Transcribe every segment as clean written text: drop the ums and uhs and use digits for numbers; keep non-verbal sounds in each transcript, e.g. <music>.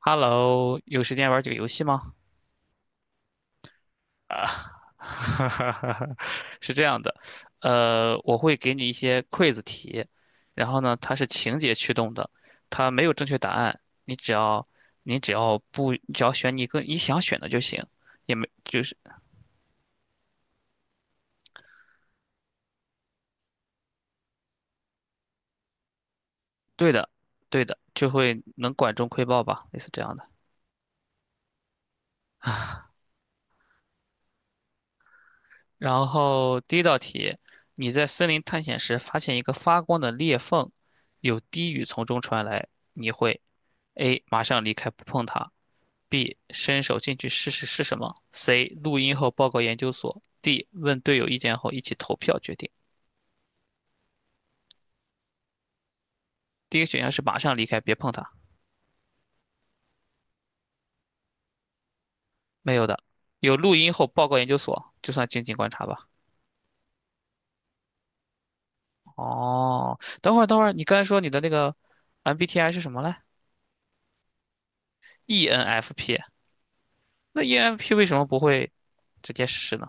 Hello，有时间玩几个游戏吗？啊，<laughs> 是这样的，我会给你一些 quiz 题，然后呢，它是情节驱动的，它没有正确答案，你只要你只要不，只要选你跟你想选的就行，也没就是对的，对的，就会能管中窥豹吧，类似这样的。然后第一道题，你在森林探险时发现一个发光的裂缝，有低语从中传来，你会？A. 马上离开不碰它；B. 伸手进去试试是什么；C. 录音后报告研究所；D. 问队友意见后一起投票决定。第一个选项是马上离开，别碰它，没有的。有录音后报告研究所，就算静静观察吧。哦，等会儿等会儿，你刚才说你的那个 MBTI 是什么来？ENFP，那 ENFP 为什么不会直接试呢？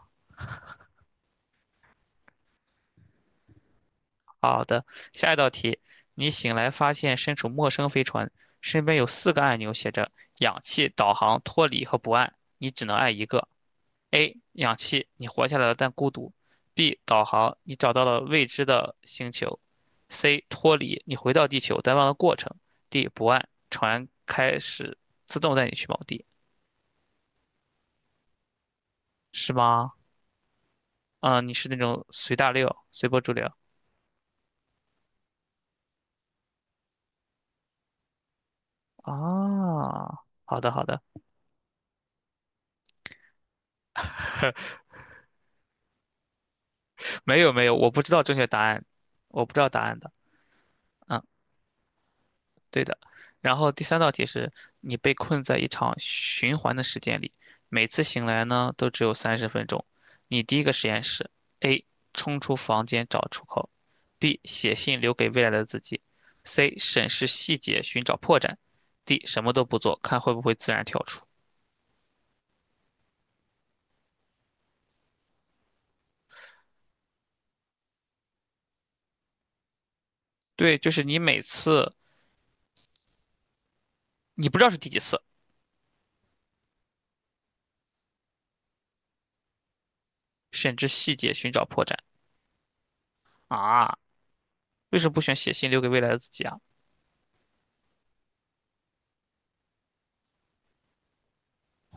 好的，下一道题，你醒来发现身处陌生飞船，身边有四个按钮写着氧气、导航、脱离和不按，你只能按一个。A. 氧气，你活下来了但孤独；B. 导航，你找到了未知的星球；C. 脱离，你回到地球但忘了过程；D. 不按，船开始自动带你去某地，是吗？嗯，你是那种随大溜、随波逐流啊？好的，好的。<laughs> 没有没有，我不知道正确答案，我不知道答案的。嗯，对的。然后第三道题是你被困在一场循环的时间里，每次醒来呢都只有三十分钟。你第一个实验是 A 冲出房间找出口，B 写信留给未来的自己，C 审视细节寻找破绽，D 什么都不做看会不会自然跳出。对，就是你每次你不知道是第几次，审视细节寻找破绽啊？为什么不选写信留给未来的自己啊？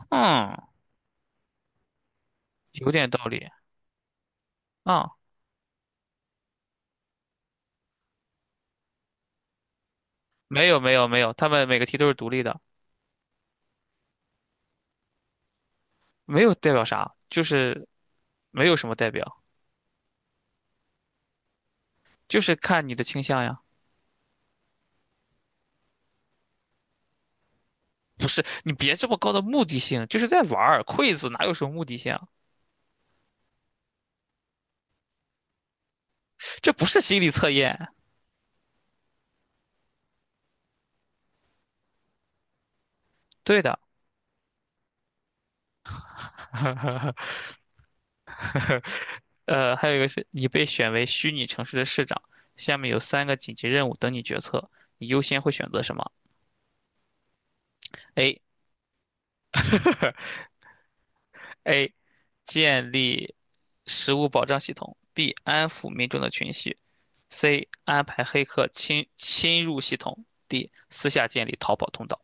嗯，有点道理啊。没有没有没有，他们每个题都是独立的，没有代表啥，就是没有什么代表，就是看你的倾向呀。不是，你别这么高的目的性，就是在玩儿，quiz 哪有什么目的性啊？这不是心理测验。对的，<laughs> 还有一个是你被选为虚拟城市的市长，下面有三个紧急任务等你决策，你优先会选择什么？A <laughs> A，建立食物保障系统；B，安抚民众的情绪 C 安排黑客侵入系统；D 私下建立逃跑通道。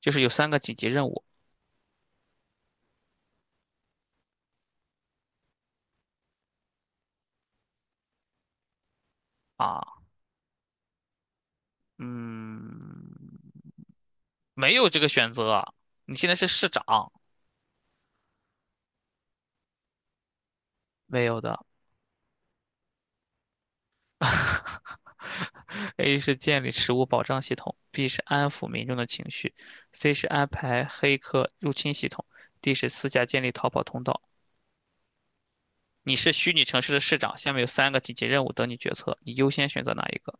就是有三个紧急任务啊，嗯，没有这个选择啊你现在是市长，没有的。<laughs> A 是建立食物保障系统，B 是安抚民众的情绪，C 是安排黑客入侵系统，D 是私下建立逃跑通道。你是虚拟城市的市长，下面有三个紧急任务等你决策，你优先选择哪一个？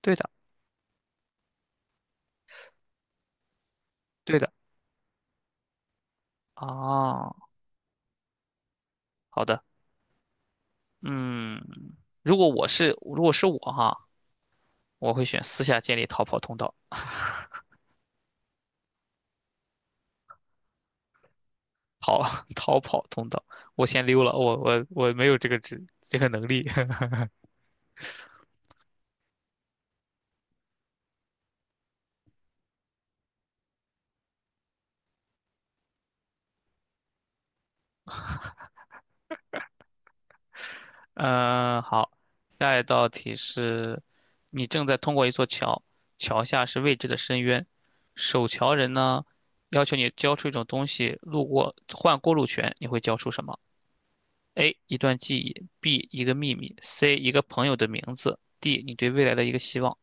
对的，对的。啊，好的。嗯，如果是我哈，我会选私下建立逃跑通道，逃 <laughs> 逃跑通道，我先溜了，我没有这个职这个能力。<laughs> 嗯，好，下一道题是，你正在通过一座桥，桥下是未知的深渊，守桥人呢要求你交出一种东西，路过换过路权，你会交出什么？A 一段记忆，B 一个秘密，C 一个朋友的名字，D 你对未来的一个希望。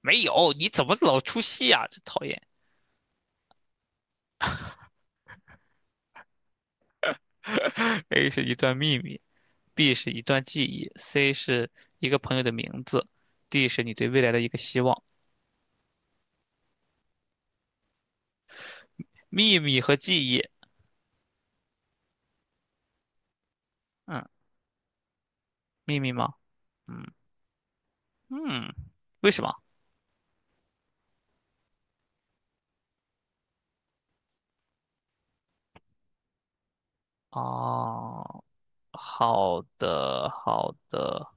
没有，你怎么老出戏啊？真讨厌。<laughs> A 是一段秘密，B 是一段记忆，C 是一个朋友的名字，D 是你对未来的一个希望。秘密和记忆，嗯，秘密吗？嗯嗯，为什么？哦，好的好的，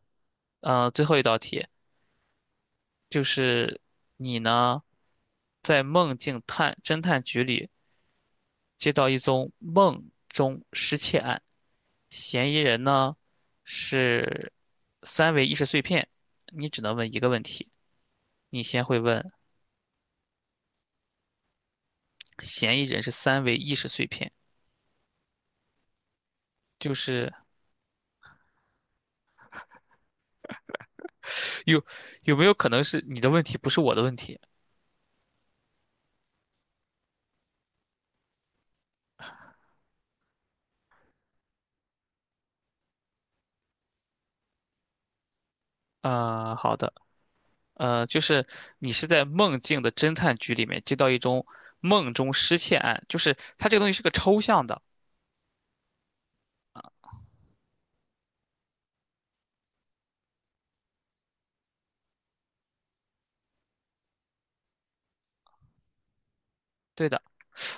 最后一道题就是你呢，在梦境侦探局里接到一宗梦中失窃案，嫌疑人呢是三维意识碎片，你只能问一个问题，你先会问嫌疑人是三维意识碎片，就是有有没有可能是你的问题不是我的问题？好的，就是你是在梦境的侦探局里面接到一宗梦中失窃案，就是它这个东西是个抽象的，对的，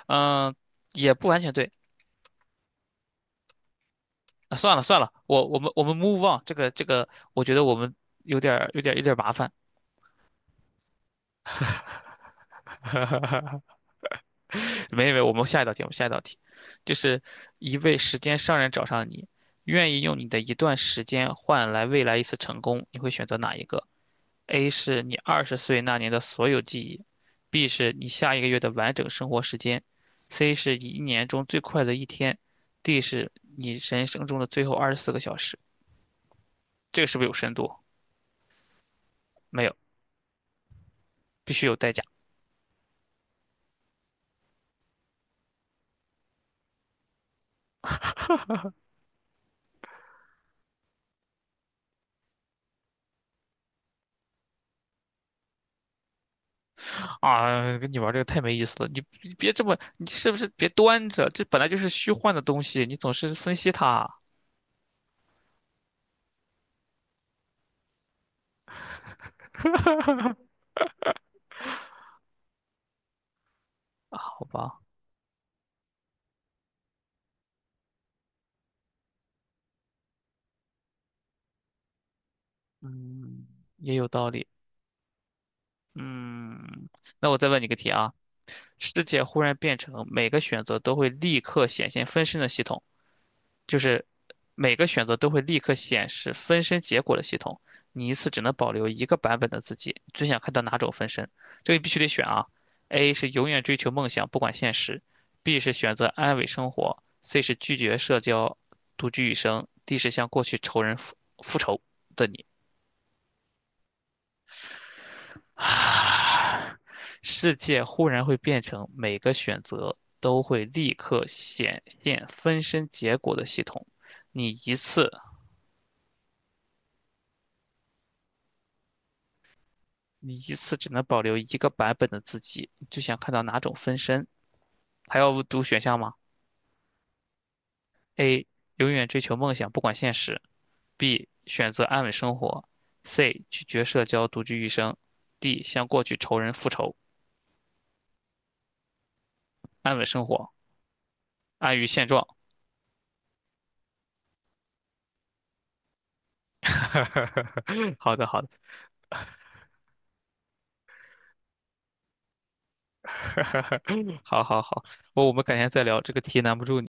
嗯、也不完全对。啊算了算了，我们 move on，这个，我觉得我们有点儿麻烦。<laughs> <laughs> 没有没有，我们下一道题，就是一位时间商人找上你，愿意用你的一段时间换来未来一次成功，你会选择哪一个？A 是你二十岁那年的所有记忆，B 是你下一个月的完整生活时间，C 是你一年中最快乐的一天，D 是你人生中的最后二十四个小时。这个是不是有深度？没有，必须有代价。啊，跟你玩这个太没意思了，你别这么，你是不是别端着？这本来就是虚幻的东西，你总是分析它，啊好吧？嗯，也有道理。嗯，那我再问你个题啊，世界忽然变成每个选择都会立刻显现分身的系统。就是每个选择都会立刻显示分身结果的系统，你一次只能保留一个版本的自己。最想看到哪种分身？这个必须得选啊！A 是永远追求梦想，不管现实；B 是选择安稳生活；C 是拒绝社交，独居一生；D 是向过去仇人复仇的你。啊，世界忽然会变成每个选择都会立刻显现分身结果的系统，你一次。你一次只能保留一个版本的自己，你最想看到哪种分身？还要读选项吗？A. 永远追求梦想，不管现实；B. 选择安稳生活；C. 拒绝社交，独居一生；D. 向过去仇人复仇，安稳生活，安于现状。<laughs> 好的，好的，<laughs> 好好好，我们改天再聊，这个题难不住你。